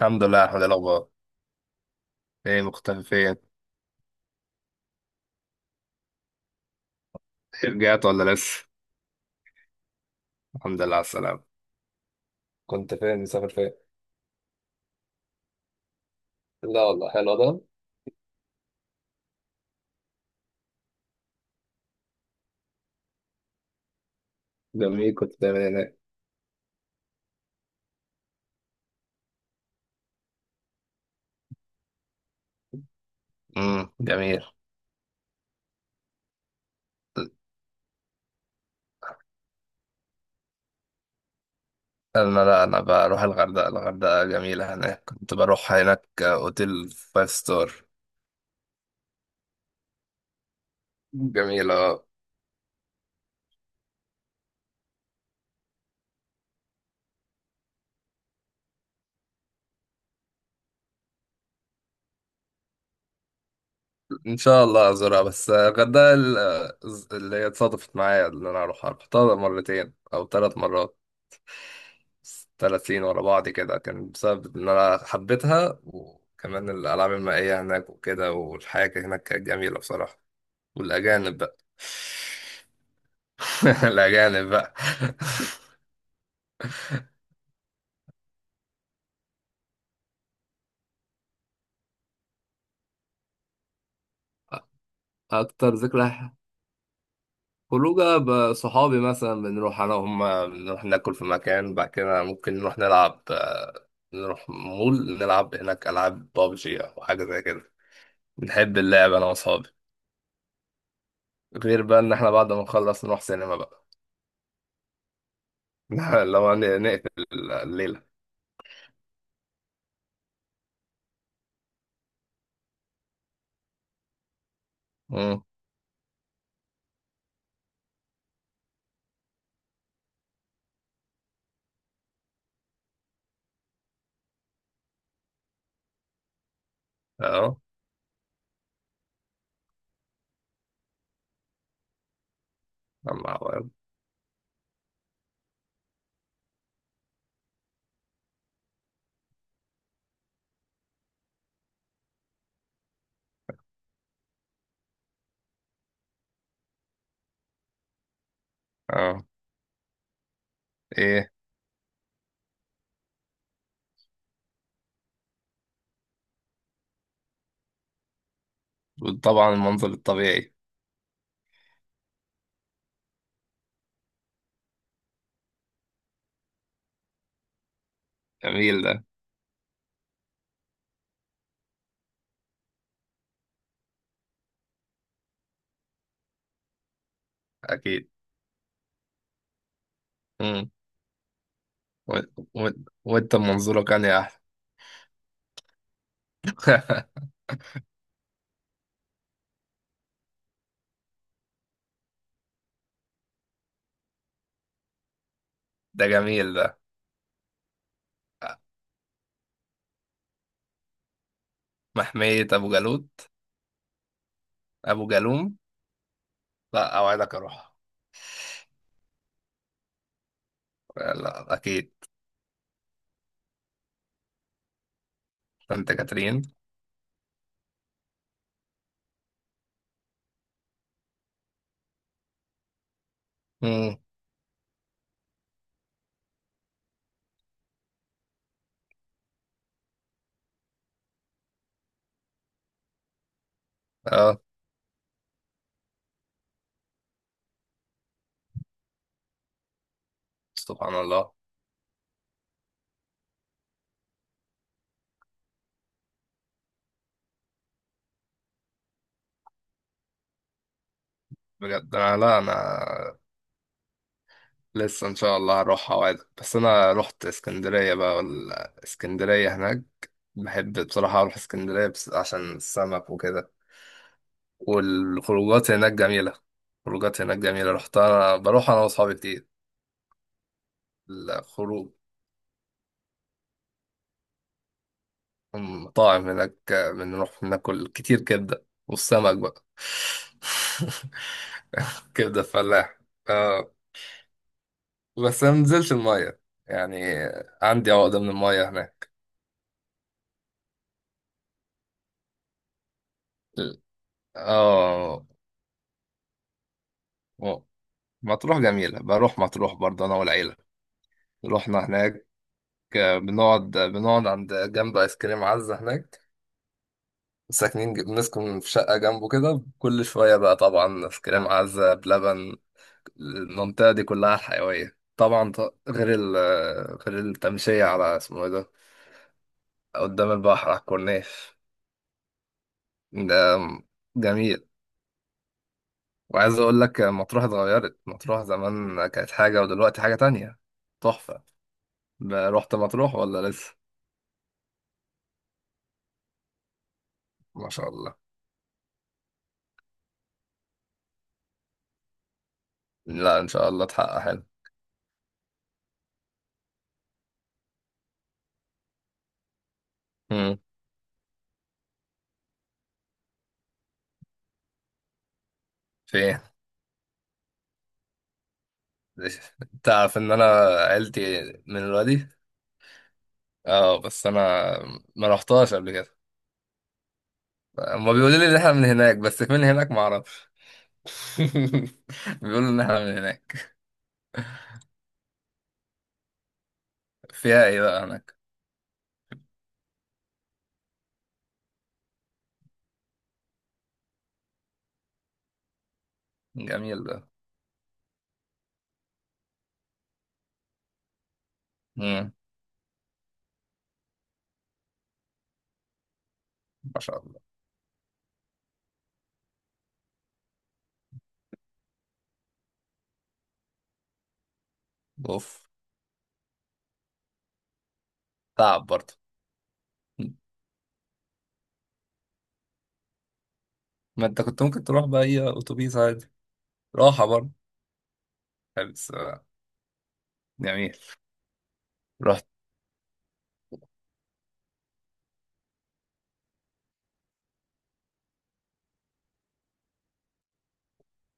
الحمد لله، الحمد لله. الاخبار ايه؟ مختفي فين؟ رجعت ولا لسه؟ الحمد لله على السلامه. كنت فين؟ مسافر فين؟ لا والله حلو ده. جميل، كنت دايما هناك. جميل. انا لا انا بروح الغردقه، الغردقه جميله هناك، كنت بروح هناك اوتيل فايف ستار. جميله. ان شاء الله ازورها، بس الغردقه اللي هي اتصادفت معايا ان انا اروحها، رحتها مرتين او ثلاث مرات. ثلاث سنين ورا بعض كده، كان بسبب إن أنا حبيتها، وكمان الألعاب المائية هناك وكده، والحياة كانت هناك كانت جميلة بصراحة. والأجانب بقى. الأجانب بقى. أكتر ذكرى. خروجة بصحابي مثلا، بنروح أنا وهم، بنروح ناكل في مكان، بعد كده ممكن نروح نلعب نروح مول نلعب هناك ألعاب بابجي أو حاجة زي كده. بنحب اللعب أنا وأصحابي. غير بقى إن إحنا بعد ما نخلص نروح سينما بقى. اللي هو نقفل الليلة. مم. اه. الله أكبر. اه. ايه. طبعا المنظر الطبيعي. جميل ده. اكيد. مم. و... و... وانت منظورك كان يا احلى. ده جميل ده. محمية ابو جالوت. ابو جالوم. لا اوعدك اروح. لا اكيد. انت كاترين. مم. اه. سبحان الله. بجد انا لا انا لسه ان شاء الله هروح اوعدك، بس انا رحت اسكندريه بقى، ولا اسكندريه هناك. بحب بصراحه اروح اسكندريه بس عشان السمك وكده. والخروجات هناك جميله، خروجات هناك جميله، رحتها بروح انا واصحابي كتير. الخروج. المطاعم هناك بنروح ناكل كتير كبده والسمك بقى. كبده فلاح. آه. بس انا منزلش الميه يعني، عندي عقده من الميه هناك. اه. مطروح جميلة، بروح مطروح برضه أنا والعيلة. رحنا هناك. بنقعد عند جنب آيس كريم عزة هناك. ساكنين بنسكن في شقة جنبه كده، كل شوية بقى طبعا آيس كريم عزة بلبن. المنطقة دي كلها حيوية طبعا ط- غير ال آه، غير التمشية على اسمه إيه ده. قدام البحر على الكورنيش. ده جميل. وعايز أقول لك، مطروح اتغيرت، مطروح زمان كانت حاجة ودلوقتي حاجة تانية. تحفة. رحت مطروح ولا لسه؟ ما شاء الله. لا ان شاء الله تحقق حلو. امم. في إيه؟ انت عارف ان انا عيلتي من الوادي. اه بس انا ما رحتهاش قبل كده. هما بيقولوا لي ان احنا من هناك، بس فين هناك ما اعرفش. بيقولوا ان احنا من هناك. فيها ايه بقى هناك؟ جميل ده. امم. ما شاء الله. اوف. تعب برضه. ما انت كنت ممكن تروح باي اتوبيس عادي. راحه برضه. بس جميل. رحت.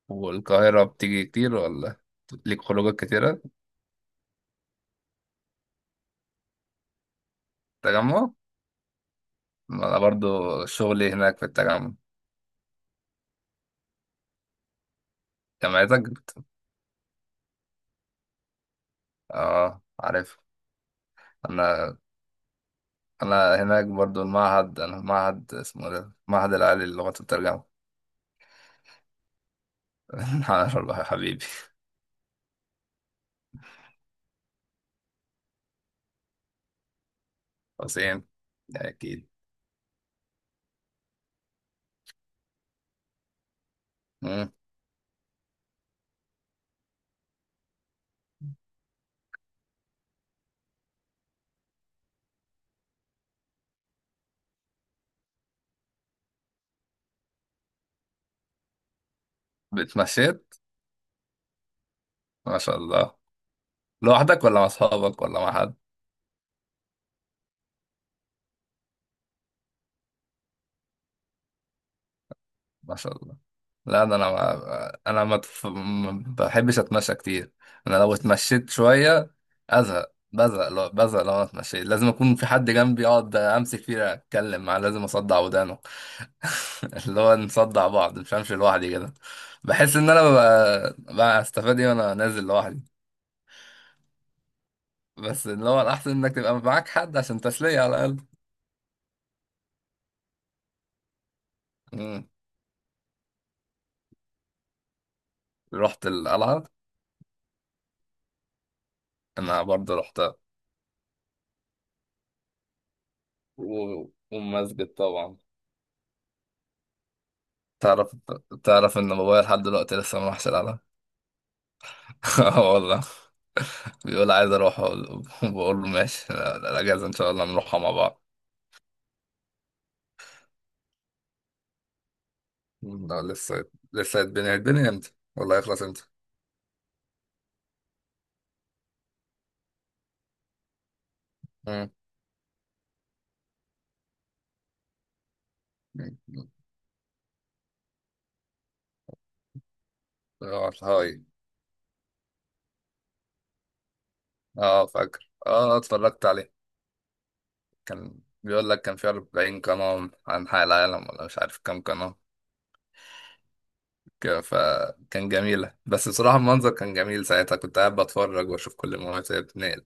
والقاهره بتيجي كتير ولا؟ ليك خروجات كتيره. تجمع. انا برضو شغلي هناك في التجمع. جامعتك بت... اه عارف. انا انا هناك برضو المعهد، انا في معهد اسمه إيه ده، المعهد العالي للغة والترجمة. على الله يا حبيبي. حسين. اكيد. مم. بتمشيت. ما شاء الله. لوحدك ولا مع اصحابك ولا مع حد؟ ما شاء الله. لا ده انا ما بحبش اتمشى كتير. انا لو اتمشيت شويه ازهق، بزهق لو بزهق لو انا اتمشيت لازم اكون في حد جنبي، اقعد امسك فيه اتكلم معاه، لازم اصدع ودانه. اللي هو نصدع بعض، مش همشي لوحدي كده. بحس ان انا ببقى استفاد ايه وانا نازل لوحدي. بس اللي هو الاحسن انك تبقى معاك حد عشان تسليه على الاقل. مم. رحت القلعه. انا برضه رحتها. والمسجد طبعا. تعرف تعرف ان بابايا لحد دلوقتي لسه ما راحش العالم. آه والله. بيقول عايز اروح، بقول له ماشي، لا، الاجازه ان شاء الله نروحها مع بعض. لا لسه. لسه هيتبني امتى، ولا هيخلص امتى؟ مم. اه هاي. اه فاكر، اه اتفرجت عليه. كان بيقول لك كان في 40 قناة عن حق العالم، ولا مش عارف كام قناة. فكان جميلة، بس بصراحة المنظر كان جميل ساعتها، كنت قاعد بتفرج واشوف كل المناطق بتنقل.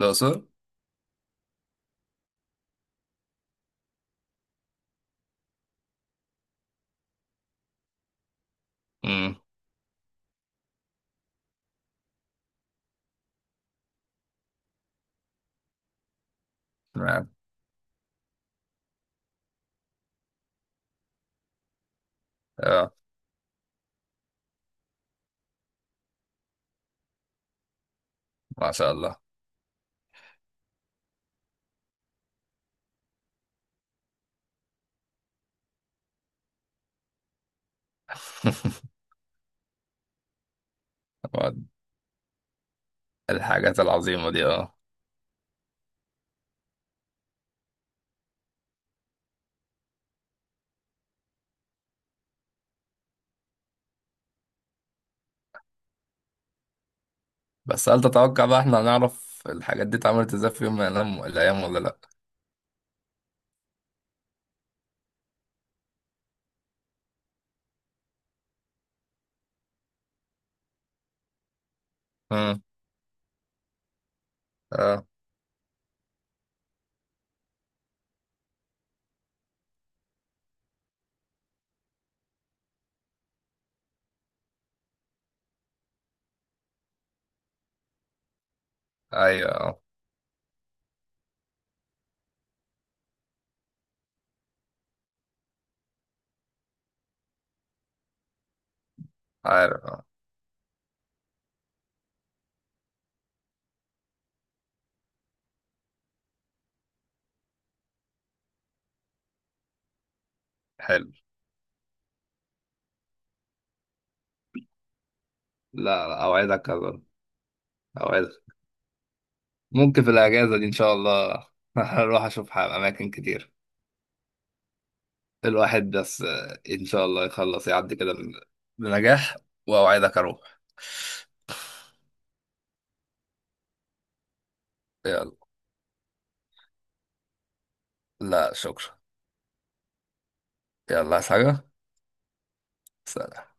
الأقصر. امم. اه. ما شاء الله. الحاجات العظيمة دي اه. بس هل تتوقع بقى احنا هنعرف الحاجات دي اتعملت ازاي في يوم من الأيام، ولا لأ؟ مم. اه. أيوه اه. عارف اه. حلو. لا لا أوعدك أبدا. أوعدك. ممكن في الأجازة دي إن شاء الله. هروح أشوف أماكن كتير. الواحد بس إن شاء الله يخلص يعدي كده، بنجاح، وأوعدك أروح. يلا. لا شكرا. يلا، عايز حاجة؟ سلام.